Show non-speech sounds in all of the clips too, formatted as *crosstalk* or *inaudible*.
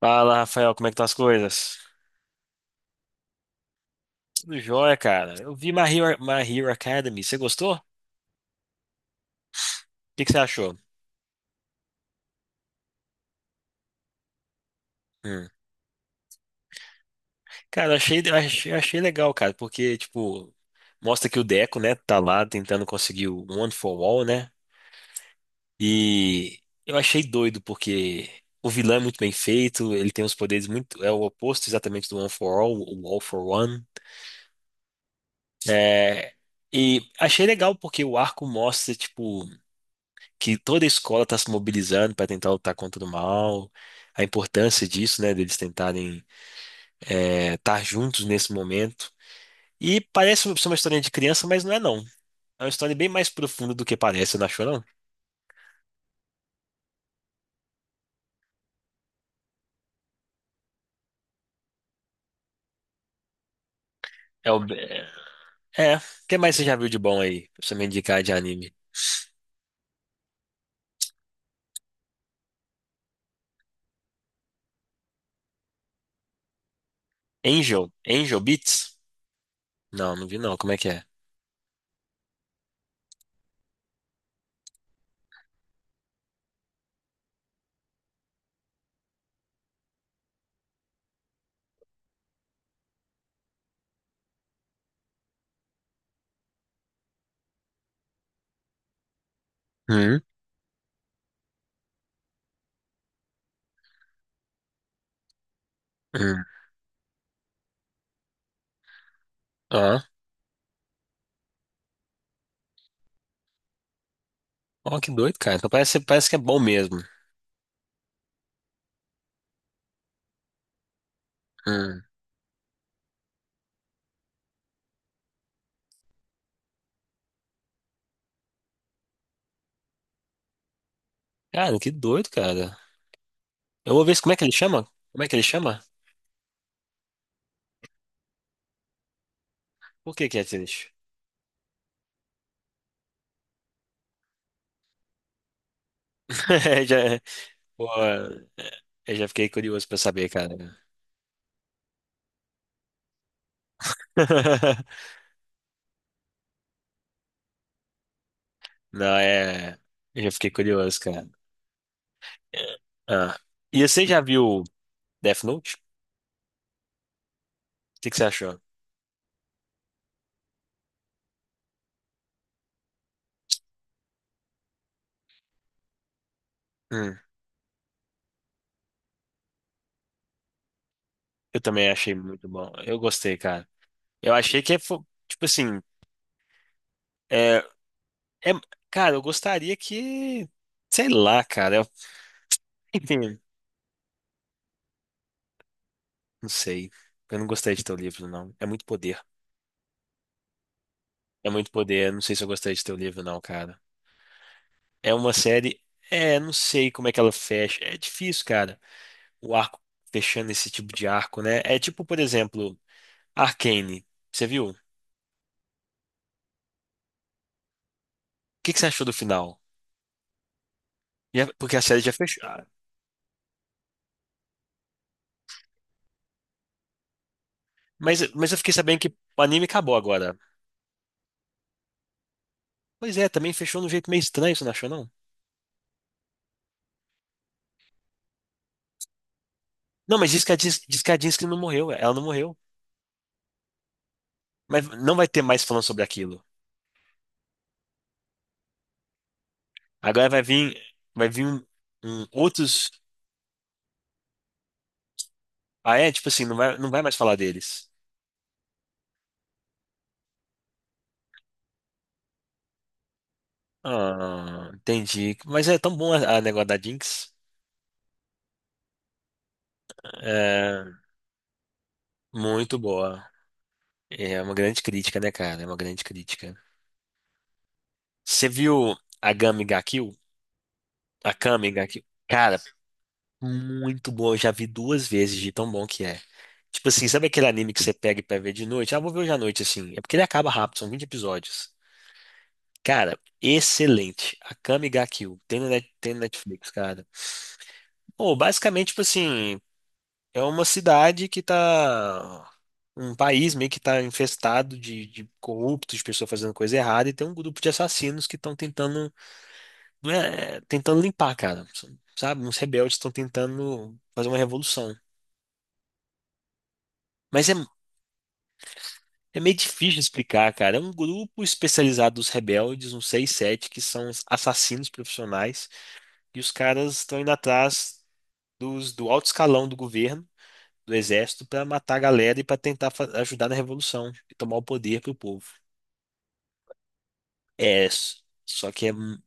Fala, Rafael, como é que estão as coisas? Tudo jóia, cara. Eu vi My Hero Academy. Você gostou? O que que você achou? Hum. Cara, eu achei legal, cara, porque, tipo, mostra que o Deco, né, tá lá tentando conseguir o One for All, né? E eu achei doido, porque o vilão é muito bem feito, ele tem os poderes muito. É o oposto exatamente do One for All, o All for One. É, e achei legal porque o arco mostra, tipo, que toda a escola está se mobilizando para tentar lutar contra o mal, a importância disso, né, deles tentarem estar juntos nesse momento. E parece ser uma história de criança, mas não é não. É uma história bem mais profunda do que parece, não achou não? É, o... o que mais você já viu de bom aí, pra você me indicar de anime? Angel Beats? Não, não vi não, como é que é? Hum, hum. Ah, ó, que doido, cara. Então parece que é bom mesmo. Hum. Cara, que doido, cara. Eu vou ver como é que ele chama? Como é que ele chama? Por que que é triste? *laughs* Já, pô, eu já fiquei curioso pra saber, cara. *laughs* Não, é. Eu já fiquei curioso, cara. É, ah. E você já viu Death Note? O que que você achou? Hum, eu também achei muito bom. Eu gostei, cara. Eu achei que, tipo assim, é, é- cara, eu gostaria que, sei lá, cara, eu, enfim, não sei. Eu não gostei de teu livro, não. É muito poder. É muito poder. Eu não sei se eu gostei de teu livro, não, cara. É uma série. É, não sei como é que ela fecha. É difícil, cara, o arco fechando esse tipo de arco, né? É tipo, por exemplo, Arcane. Você viu? O que que você achou do final? Porque a série já fechou. Ah, mas eu fiquei sabendo que o anime acabou agora. Pois é, também fechou de um jeito meio estranho, você não achou, não? Não, mas diz que a Disney não morreu, é, ela não morreu. Mas não vai ter mais falando sobre aquilo. Agora vai vir outros. Ah, é? Tipo assim, não vai mais falar deles. Ah, entendi. Mas é tão bom a negócio da Jinx. É muito boa. É uma grande crítica, né, cara? É uma grande crítica. Você viu a Gami ga Kill? A Kami ga Kill? Cara, muito bom. Eu já vi duas vezes de tão bom que é. Tipo assim, sabe aquele anime que você pega pra ver de noite? Ah, vou ver hoje à noite, assim. É porque ele acaba rápido, são 20 episódios. Cara, excelente. A Kami ga Kill. Tem no Netflix, cara. Pô, basicamente, tipo assim. É uma cidade que tá. Um país meio que tá infestado de corruptos, de pessoas fazendo coisa errada, e tem um grupo de assassinos que estão tentando, não é- tentando limpar, cara. Sabe? Uns rebeldes estão tentando fazer uma revolução. Mas é meio difícil de explicar, cara. É um grupo especializado dos rebeldes, uns 6, 7, que são os assassinos profissionais, e os caras estão indo atrás do alto escalão do governo do exército para matar a galera e para tentar ajudar na revolução e tomar o poder pro povo. É, só que é, um-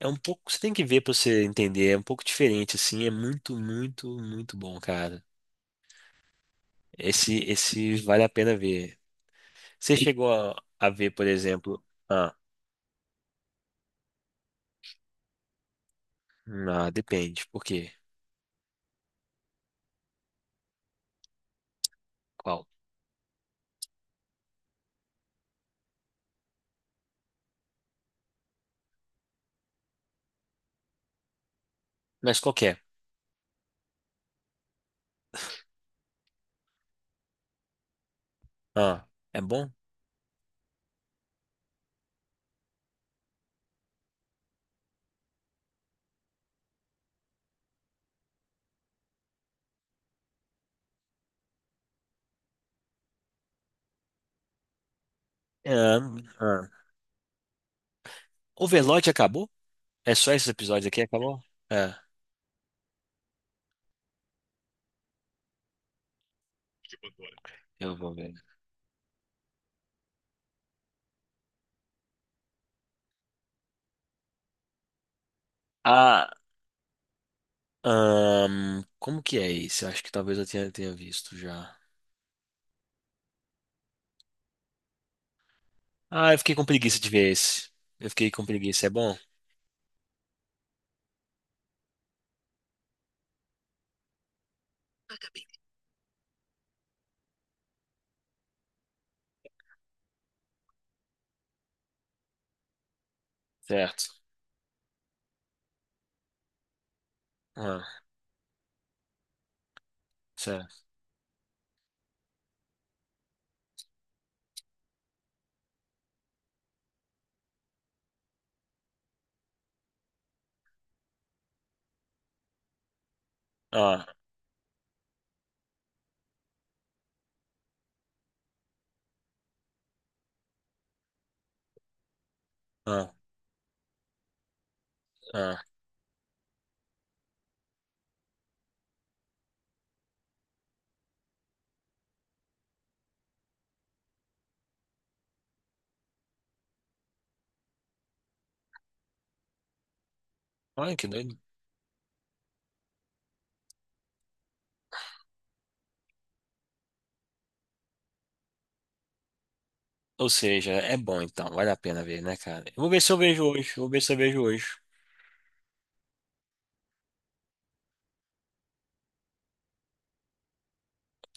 é um pouco, você tem que ver para você entender, é um pouco diferente assim, é muito, muito, muito bom, cara. Esse vale a pena ver. Você chegou a, ver, por exemplo, ah, ah, depende, por quê? Qual? Mas qual que é? Ah, é bom? Ah, ah. Overlord acabou? É só esses episódios aqui acabou? É, eu vou ver. Ah, como que é esse? Eu acho que talvez eu tenha visto já. Ah, eu fiquei com preguiça de ver esse. Eu fiquei com preguiça. É bom? Certo. Ah, certo. Ah, ah, ah. Olha que doido. Ou seja, é bom então. Vale a pena ver, né, cara? Eu vou ver se eu vejo hoje. Eu vou ver se eu vejo hoje.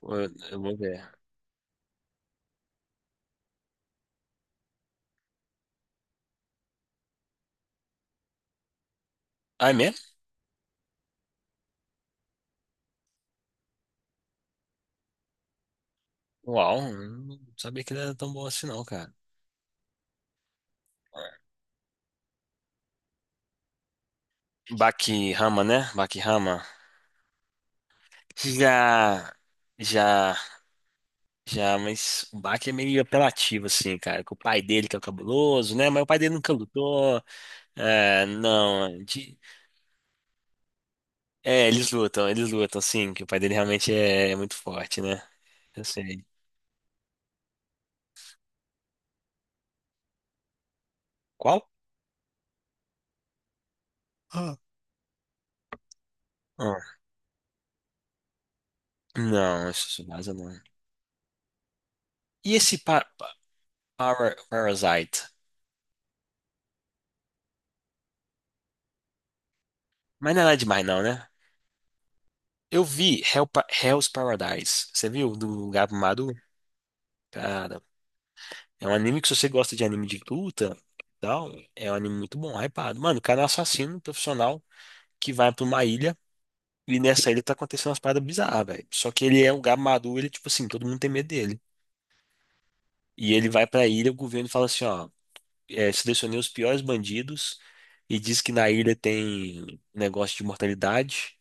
Eu, eu vou ver. Ah, é mesmo? Uau, não sabia que ele era tão bom assim, não, cara. Bakirama, né? Bakirama. Já. Já. Já, mas o Bach é meio apelativo, assim, cara. Com o pai dele, que é o cabuloso, né? Mas o pai dele nunca lutou. É, não. É, eles lutam, sim. Que o pai dele realmente é muito forte, né? Eu sei. Qual? Ah, ah, não, isso Tsubasa não. E esse Parasite? Mas não é nada demais, não, né? Eu vi Hell's Paradise. Você viu? Do Gabo Madu? É um anime que se você gosta de anime de luta, tal, é um anime muito bom, hypado. Mano, o cara é um assassino profissional que vai pra uma ilha e nessa ilha tá acontecendo umas paradas bizarras, velho. Só que ele é um gado maduro, ele, tipo assim, todo mundo tem medo dele. E ele vai pra ilha, o governo fala assim, ó, selecionei os piores bandidos e diz que na ilha tem negócio de mortalidade.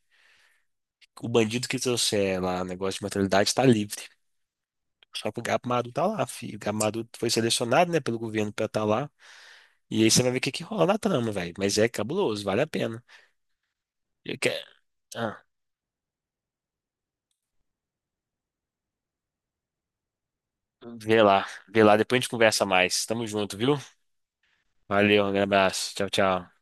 O bandido que trouxer lá negócio de mortalidade tá livre. Só que o gado maduro tá lá, filho. O gado maduro foi selecionado, né, pelo governo pra estar lá. E aí você vai ver o que que rola na trama, velho. Mas é cabuloso, vale a pena. Eu que- ah, vê lá, depois a gente conversa mais. Tamo junto, viu? Valeu, um grande abraço. Tchau, tchau.